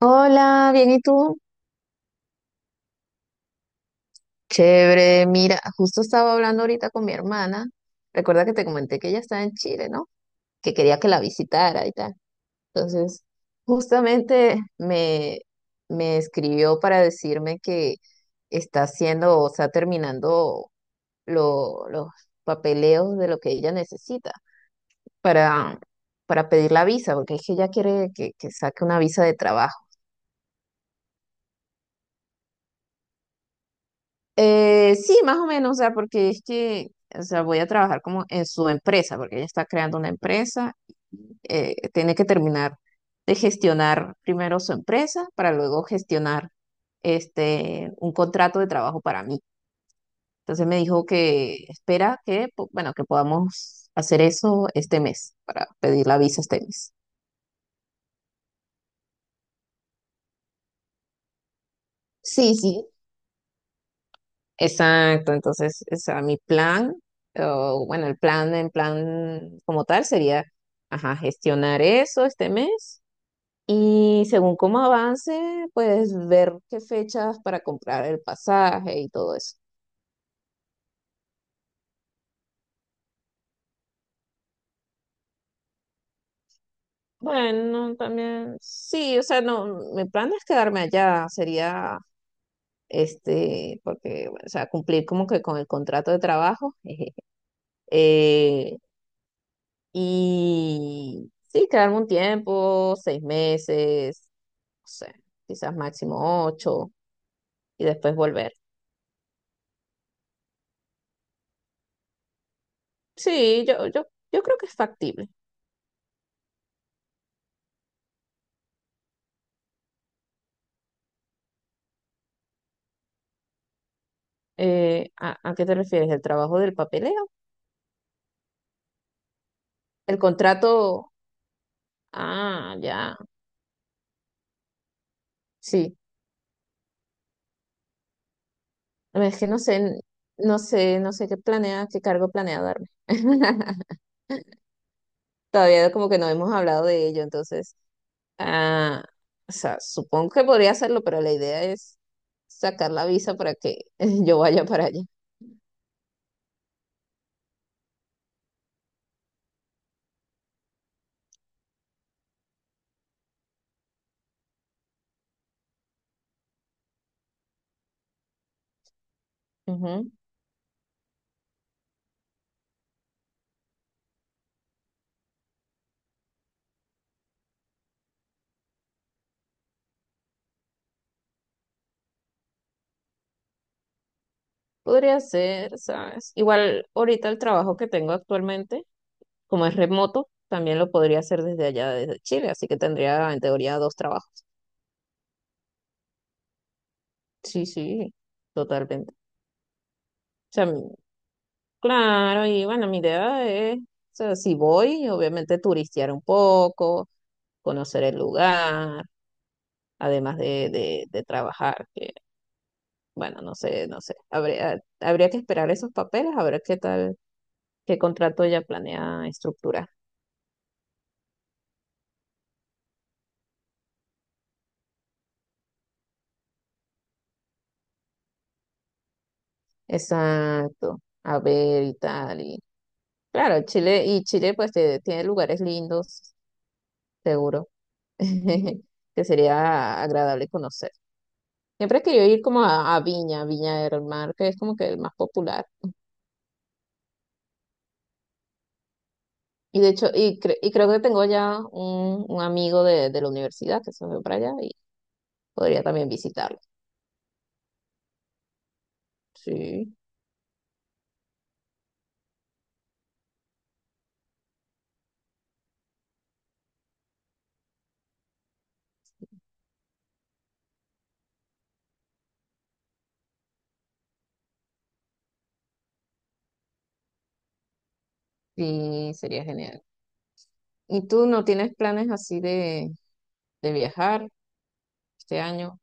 Hola, bien, ¿y tú? Chévere, mira, justo estaba hablando ahorita con mi hermana. Recuerda que te comenté que ella está en Chile, ¿no? Que quería que la visitara y tal. Entonces, justamente me, me escribió para decirme que está haciendo, o sea, terminando los papeleos de lo que ella necesita para, para pedir la visa, porque es que ella quiere que saque una visa de trabajo. Sí, más o menos, o sea, o sea, voy a trabajar como en su empresa, porque ella está creando una empresa. Tiene que terminar de gestionar primero su empresa para luego gestionar un contrato de trabajo para mí. Entonces me dijo que espera que, bueno, que podamos hacer eso este mes, para pedir la visa este mes. Sí, sí. Exacto, entonces, o sea, mi plan, o bueno, el plan, en plan como tal sería, ajá, gestionar eso este mes y según cómo avance, pues ver qué fechas para comprar el pasaje y todo eso. Bueno, también, sí, o sea, no, mi plan no es quedarme allá, sería, porque, bueno, o sea, cumplir como que con el contrato de trabajo, eh, y sí, quedarme un tiempo, 6 meses, no sé, quizás máximo 8 y después volver. Sí, yo creo que es factible. A qué te refieres? ¿El trabajo del papeleo? ¿El contrato? Ah, ya, sí. Es que no sé, no sé qué planea, qué cargo planea darme. Todavía como que no hemos hablado de ello, entonces, ah, o sea, supongo que podría hacerlo, pero la idea es sacar la visa para que yo vaya para allá. Ujú. Podría ser, ¿sabes? Igual ahorita el trabajo que tengo actualmente, como es remoto, también lo podría hacer desde allá, desde Chile, así que tendría en teoría dos trabajos. Sí, sí, totalmente. O sea, claro, y bueno, mi idea es, o sea, si voy, obviamente turistear un poco, conocer el lugar, además de trabajar, que bueno, no sé, no sé. Habría que esperar esos papeles, a ver qué tal, qué contrato ella planea estructurar. Exacto, a ver y tal. Y claro, Chile, y Chile pues tiene lugares lindos, seguro, que sería agradable conocer. Siempre he querido ir como a Viña, Viña del Mar, que es como que el más popular. Y de hecho, y creo que tengo ya un amigo de la universidad que se fue para allá. Podría también visitarlo. Sí, sí, sería genial. ¿Y tú no tienes planes así de viajar este año?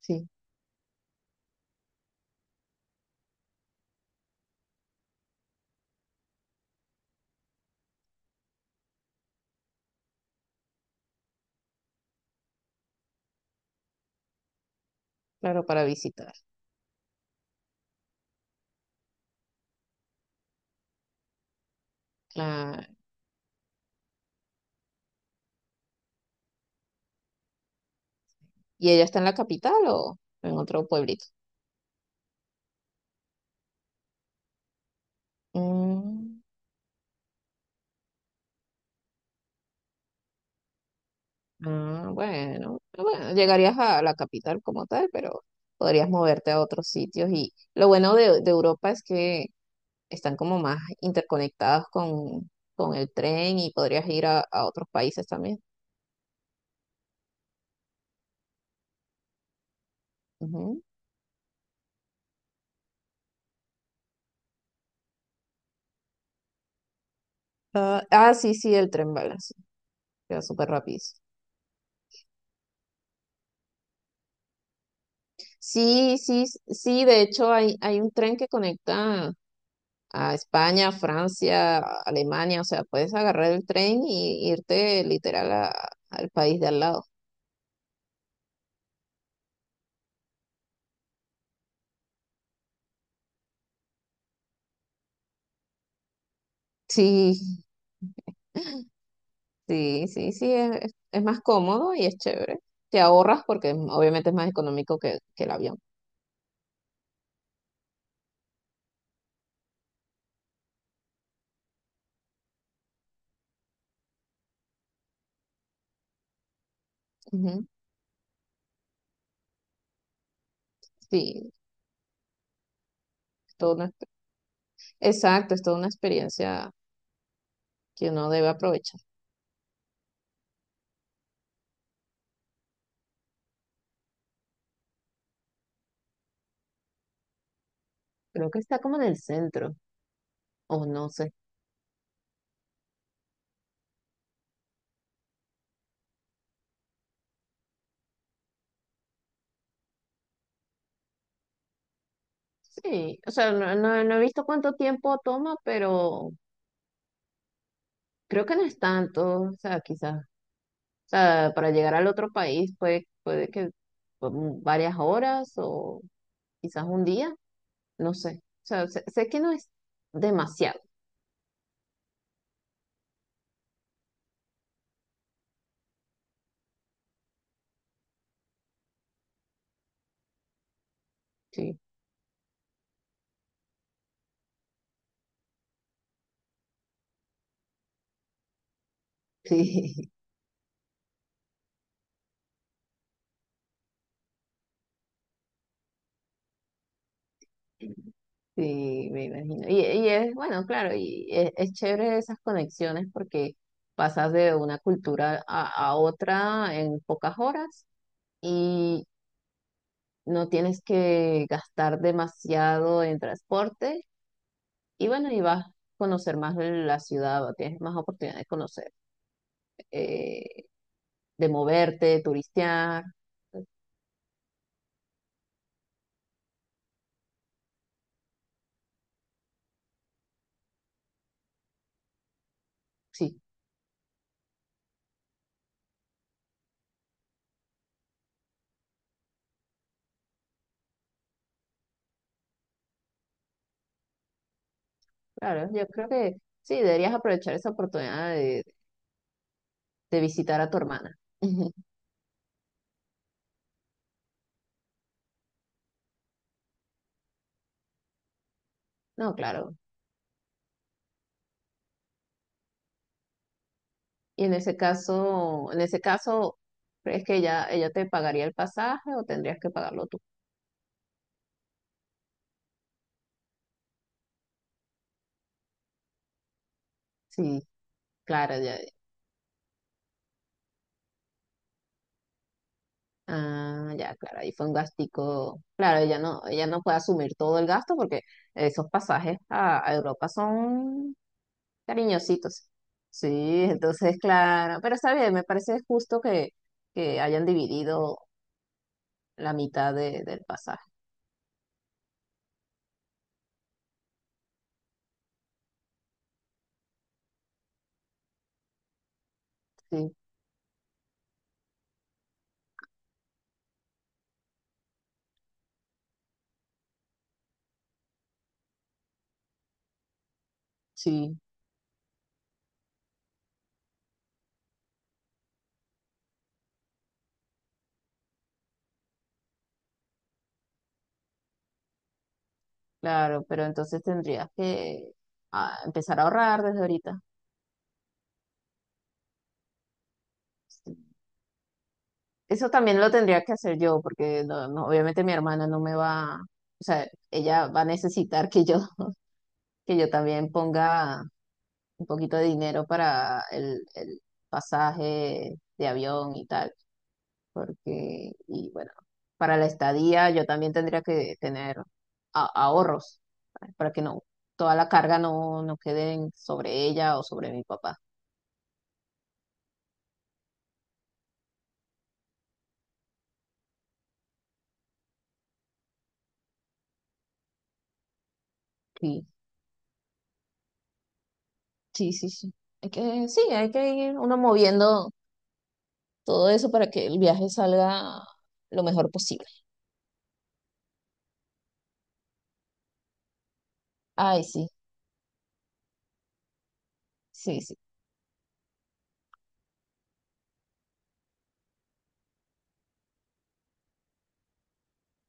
Sí, claro, para visitar. Claro. ¿Y ella está en la capital o en otro pueblito? Mm, ah, bueno, ah, bueno, llegarías a la capital como tal, pero podrías moverte a otros sitios. Y lo bueno de Europa es que están como más interconectados con el tren y podrías ir a otros países también. Sí, sí, el tren bala, sí, queda súper rápido. Sí, sí, sí, de hecho hay un tren que conecta a España, Francia, Alemania. O sea, puedes agarrar el tren y irte literal al país de al lado. Sí, sí, sí, sí, es más cómodo y es chévere. Te ahorras porque obviamente es más económico que el avión. Ujú. Sí, es toda una, exacto, es toda una experiencia que uno debe aprovechar. Creo que está como en el centro, o no sé. Sí, o sea, no he visto cuánto tiempo toma, pero creo que no es tanto, o sea, quizás, o sea, para llegar al otro país puede que varias horas o quizás un día, no sé, o sea, sé que no es demasiado, sí, sí, sí, me imagino. Y es, bueno, claro, es chévere esas conexiones porque pasas de una cultura a otra en pocas horas. No tienes que gastar demasiado en transporte y bueno, y vas a conocer más de la ciudad, tienes más oportunidad de conocer, eh, de moverte, de turistear. Sí, claro, yo creo que sí, deberías aprovechar esa oportunidad de visitar a tu hermana. No, claro. Y en ese caso, ¿crees que ella te pagaría el pasaje o tendrías que pagarlo tú? Sí, claro, ya. Ah, ya, claro, ahí fue un gastico. Claro, ella no puede asumir todo el gasto porque esos pasajes a Europa son cariñositos. Sí, entonces, claro, pero está bien, me parece justo que hayan dividido la mitad del pasaje. Sí, sí, claro, pero entonces tendrías que ah, empezar a ahorrar desde ahorita. Sí. Eso también lo tendría que hacer yo porque no, obviamente mi hermana no me va, o sea, ella va a necesitar que yo también ponga un poquito de dinero para el pasaje de avión y tal, porque, y bueno, para la estadía yo también tendría que tener ahorros, ¿sabes? Para que no, toda la carga no, no quede sobre ella o sobre mi papá. Sí, sí, sí, sí. Hay que, sí, hay que ir uno moviendo todo eso para que el viaje salga lo mejor posible. Ay, sí, sí, sí.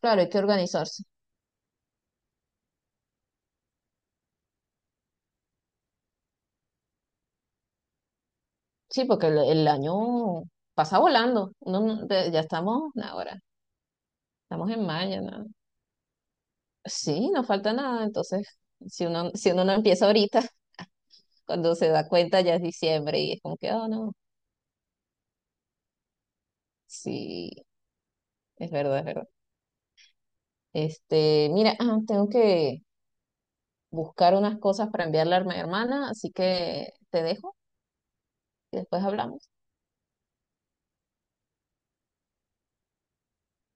Claro, hay que organizarse. Sí, porque el año pasa volando. Uno ya estamos ahora, estamos en mayo, ¿no? Sí, no falta nada. Entonces, si uno no empieza ahorita, cuando se da cuenta ya es diciembre y es como que, oh, no. Sí, es verdad, es verdad. Este, mira, ah, tengo que buscar unas cosas para enviarle a mi hermana, así que te dejo y después hablamos.